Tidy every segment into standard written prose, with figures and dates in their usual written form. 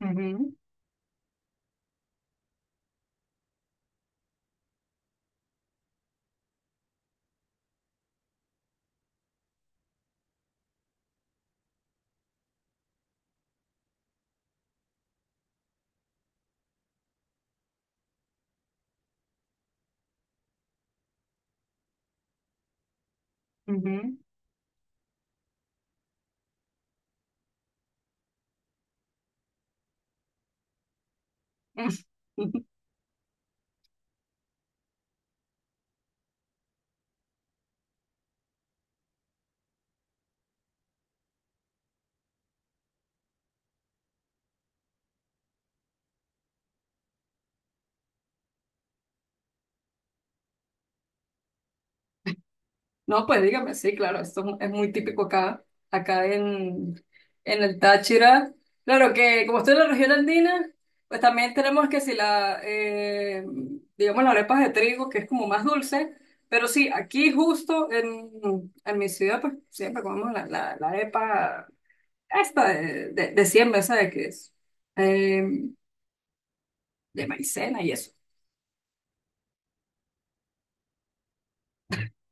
Ujú, ujú. No, pues dígame, sí, claro, esto es es muy típico acá, acá en el Táchira. Claro que como estoy en la región andina, pues también tenemos que si digamos, las arepas de trigo, que es como más dulce, pero sí, aquí justo en mi ciudad, pues siempre comemos la arepa esta de siembra, ¿sabes? Qué es eh, de maicena y eso.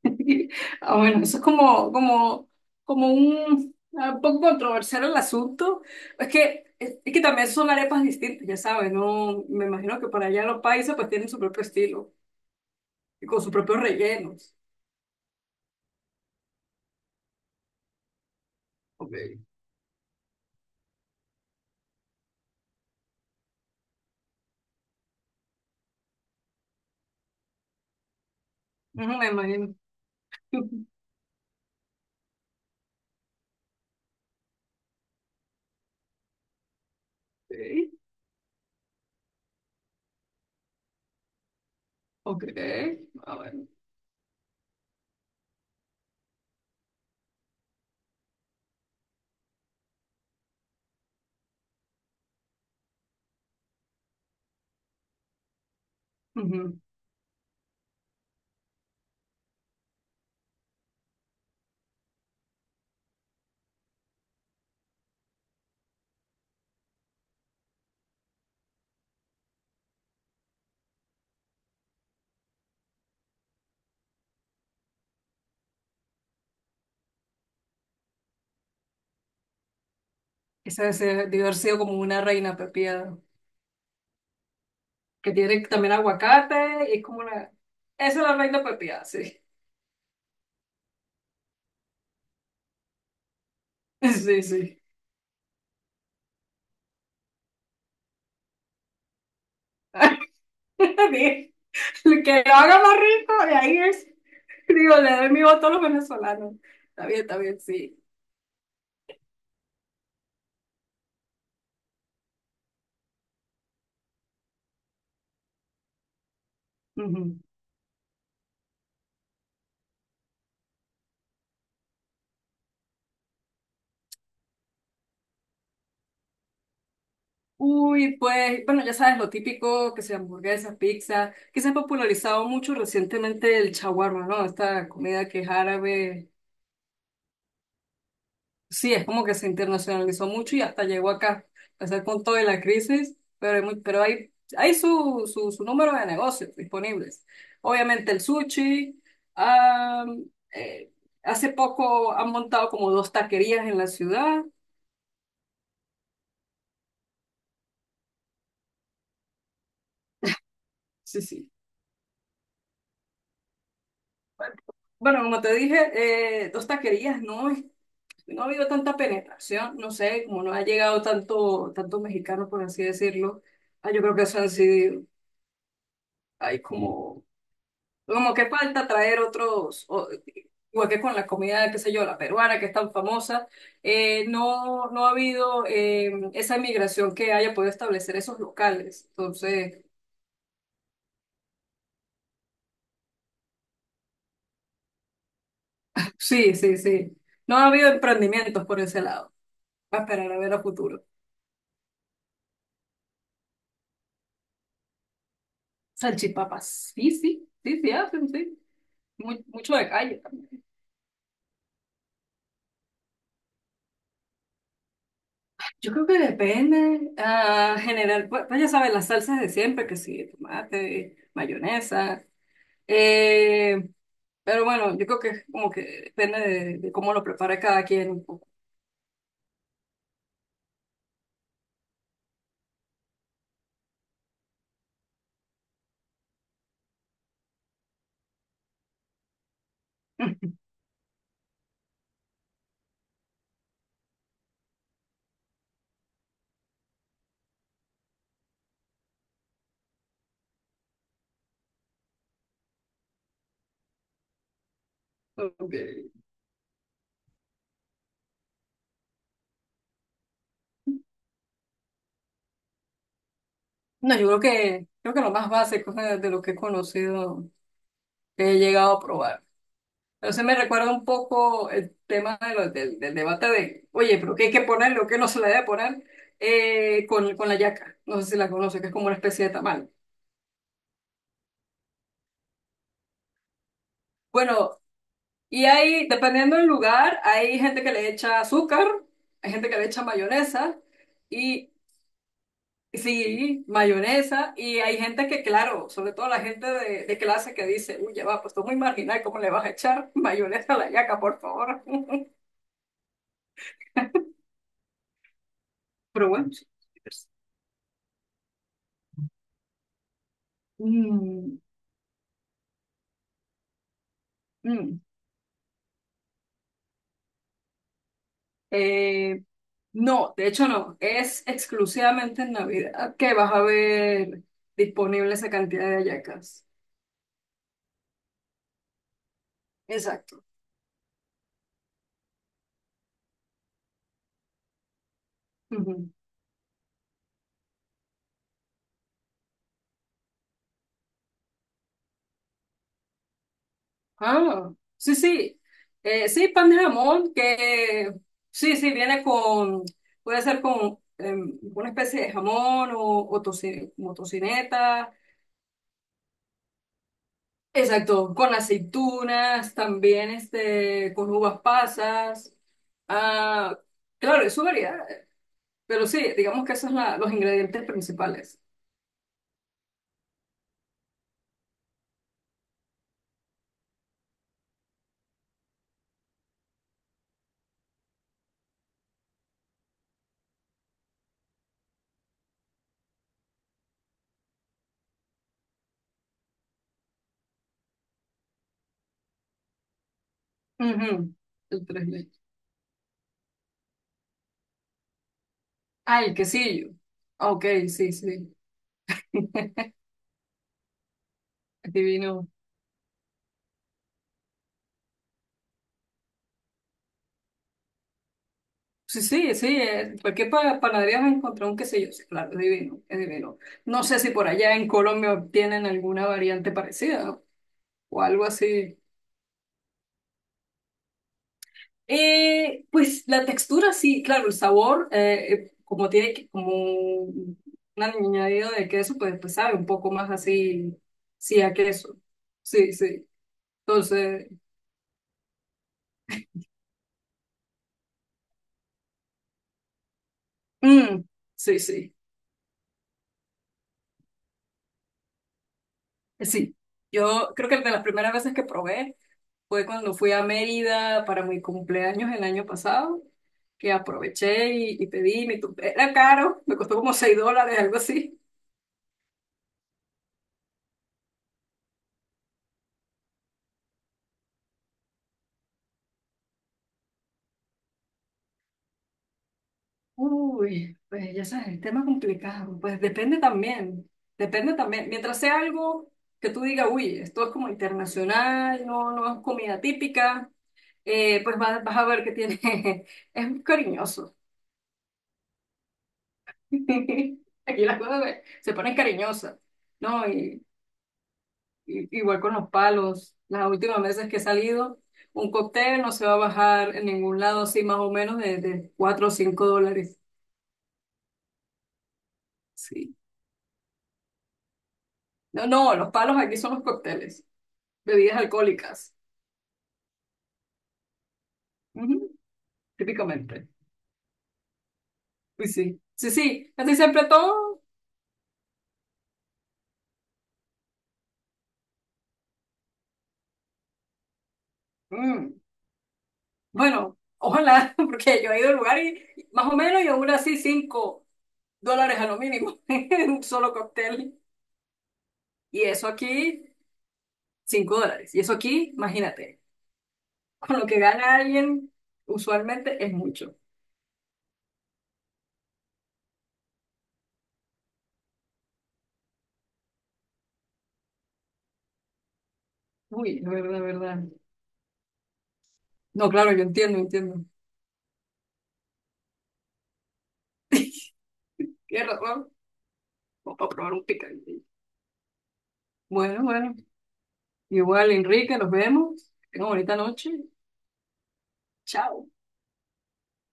Ah, bueno, eso es como un poco controversial el asunto. Es que también son arepas distintas, ya sabes, ¿no? Me imagino que para allá los países pues tienen su propio estilo y con sus propios rellenos. Ok. Ujú, me imagino. Okay, ok. Ah, bueno. Ujú. Esa debe haber sido como una reina pepiada, que tiene también aguacate y es como una... Esa es la reina pepiada, sí. Sí, sí. Bien. El que lo haga más rico, y ahí es, digo, le doy mi voto a los venezolanos. Está bien, sí. Ujú. Uy, pues, bueno, ya sabes, lo típico, que sea hamburguesa, pizza, que se ha popularizado mucho recientemente el shawarma, ¿no? Esta comida que es árabe. Sí, es como que se internacionalizó mucho y hasta llegó acá, a ser con toda la crisis, pero hay, hay su número de negocios disponibles. Obviamente el sushi, am, eh, hace poco han montado como dos taquerías en la ciudad. Sí, sí. Bueno, como te dije, dos taquerías no ha habido tanta penetración, no sé, como no ha llegado tanto, tanto mexicano, por así decirlo. Ah, yo creo que hay como... Como que falta traer igual que con la comida, qué sé yo, la peruana, que es tan famosa, no, no ha habido esa migración que haya podido establecer esos locales. Entonces, sí, sí, sí. No ha habido emprendimientos por ese lado. Va a esperar a ver a futuro. Salchipapas, sí, sí, sí, sí hacen, sí. Mucho de calle también. Yo creo que depende, ah, general, pues, pues ya sabes, las salsas de siempre, que sí, tomate, mayonesa. Eh, pero bueno, yo creo que es como que depende de cómo lo prepare cada quien un poco. Ok. No, yo creo que lo más básico de lo que he conocido, que he llegado a probar. Pero sí me recuerda un poco el tema de del debate de, oye, pero ¿qué hay que poner, lo que no se le debe poner con la yaca? No sé si la conoce, que es como una especie de tamal. Bueno, y ahí, dependiendo del lugar, hay gente que le echa azúcar, hay gente que le echa mayonesa. Y sí, mayonesa. Y hay gente que, claro, sobre todo la gente de clase que dice, uy, ya va, pues esto es muy marginal, ¿cómo le vas a echar mayonesa a la yaca, por favor? Pero bueno, sí. Mm, mm. Eh, no, de hecho no, es exclusivamente en Navidad que vas a ver disponible esa cantidad de hallacas. Exacto. Ah, sí, sí. Sí, pan de jamón, que sí, sí, viene con, puede ser con una especie de jamón o como tocineta. Exacto, con aceitunas, también este, con uvas pasas. Ah, claro, es su variedad, pero sí, digamos que esos son los ingredientes principales. Ujú. El tres leches. Ah, el quesillo. Ah, ok, sí, sí. Adivino. Sí, sí, sí, cualquier panadería vas a encontrar un quesillo, sí, claro, es divino, es divino. No sé si por allá en Colombia tienen alguna variante parecida o algo así. Pues la textura sí, claro, el sabor, como tiene como un añadido de queso, pues, pues sabe un poco más así, sí, a queso. Sí, sí. Entonces, mm, sí, sí, sí. Yo creo que de las primeras veces que probé, fue cuando fui a Mérida para mi cumpleaños el año pasado, que aproveché y pedí era caro, me costó como $6, algo así. Uy, pues ya sabes, el tema es complicado. Pues depende también, depende también. Mientras sea algo que tú digas, uy, esto es como internacional, no, no es comida típica, pues vas, vas a ver que tiene, es cariñoso. Aquí las cosas se ponen cariñosas, ¿no? Y igual con los palos, las últimas veces que he salido, un cóctel no se va a bajar en ningún lado, así más o menos de $4 o $5. Sí. No, no, los palos aquí son los cócteles, bebidas alcohólicas. Ujú, típicamente. Pues sí, sí, sí, casi siempre todo. Mm. Bueno, ojalá, porque yo he ido al lugar y más o menos y aún así $5 a lo mínimo en un solo cóctel. Y eso aquí, $5. Y eso aquí, imagínate. Con lo que gana alguien usualmente es mucho. Uy, es verdad, verdad. No, claro, yo entiendo, entiendo. Tienes razón. Vamos a probar un picadillo. Bueno, bueno. Igual, Enrique, nos vemos. Tenga bonita noche. Chao.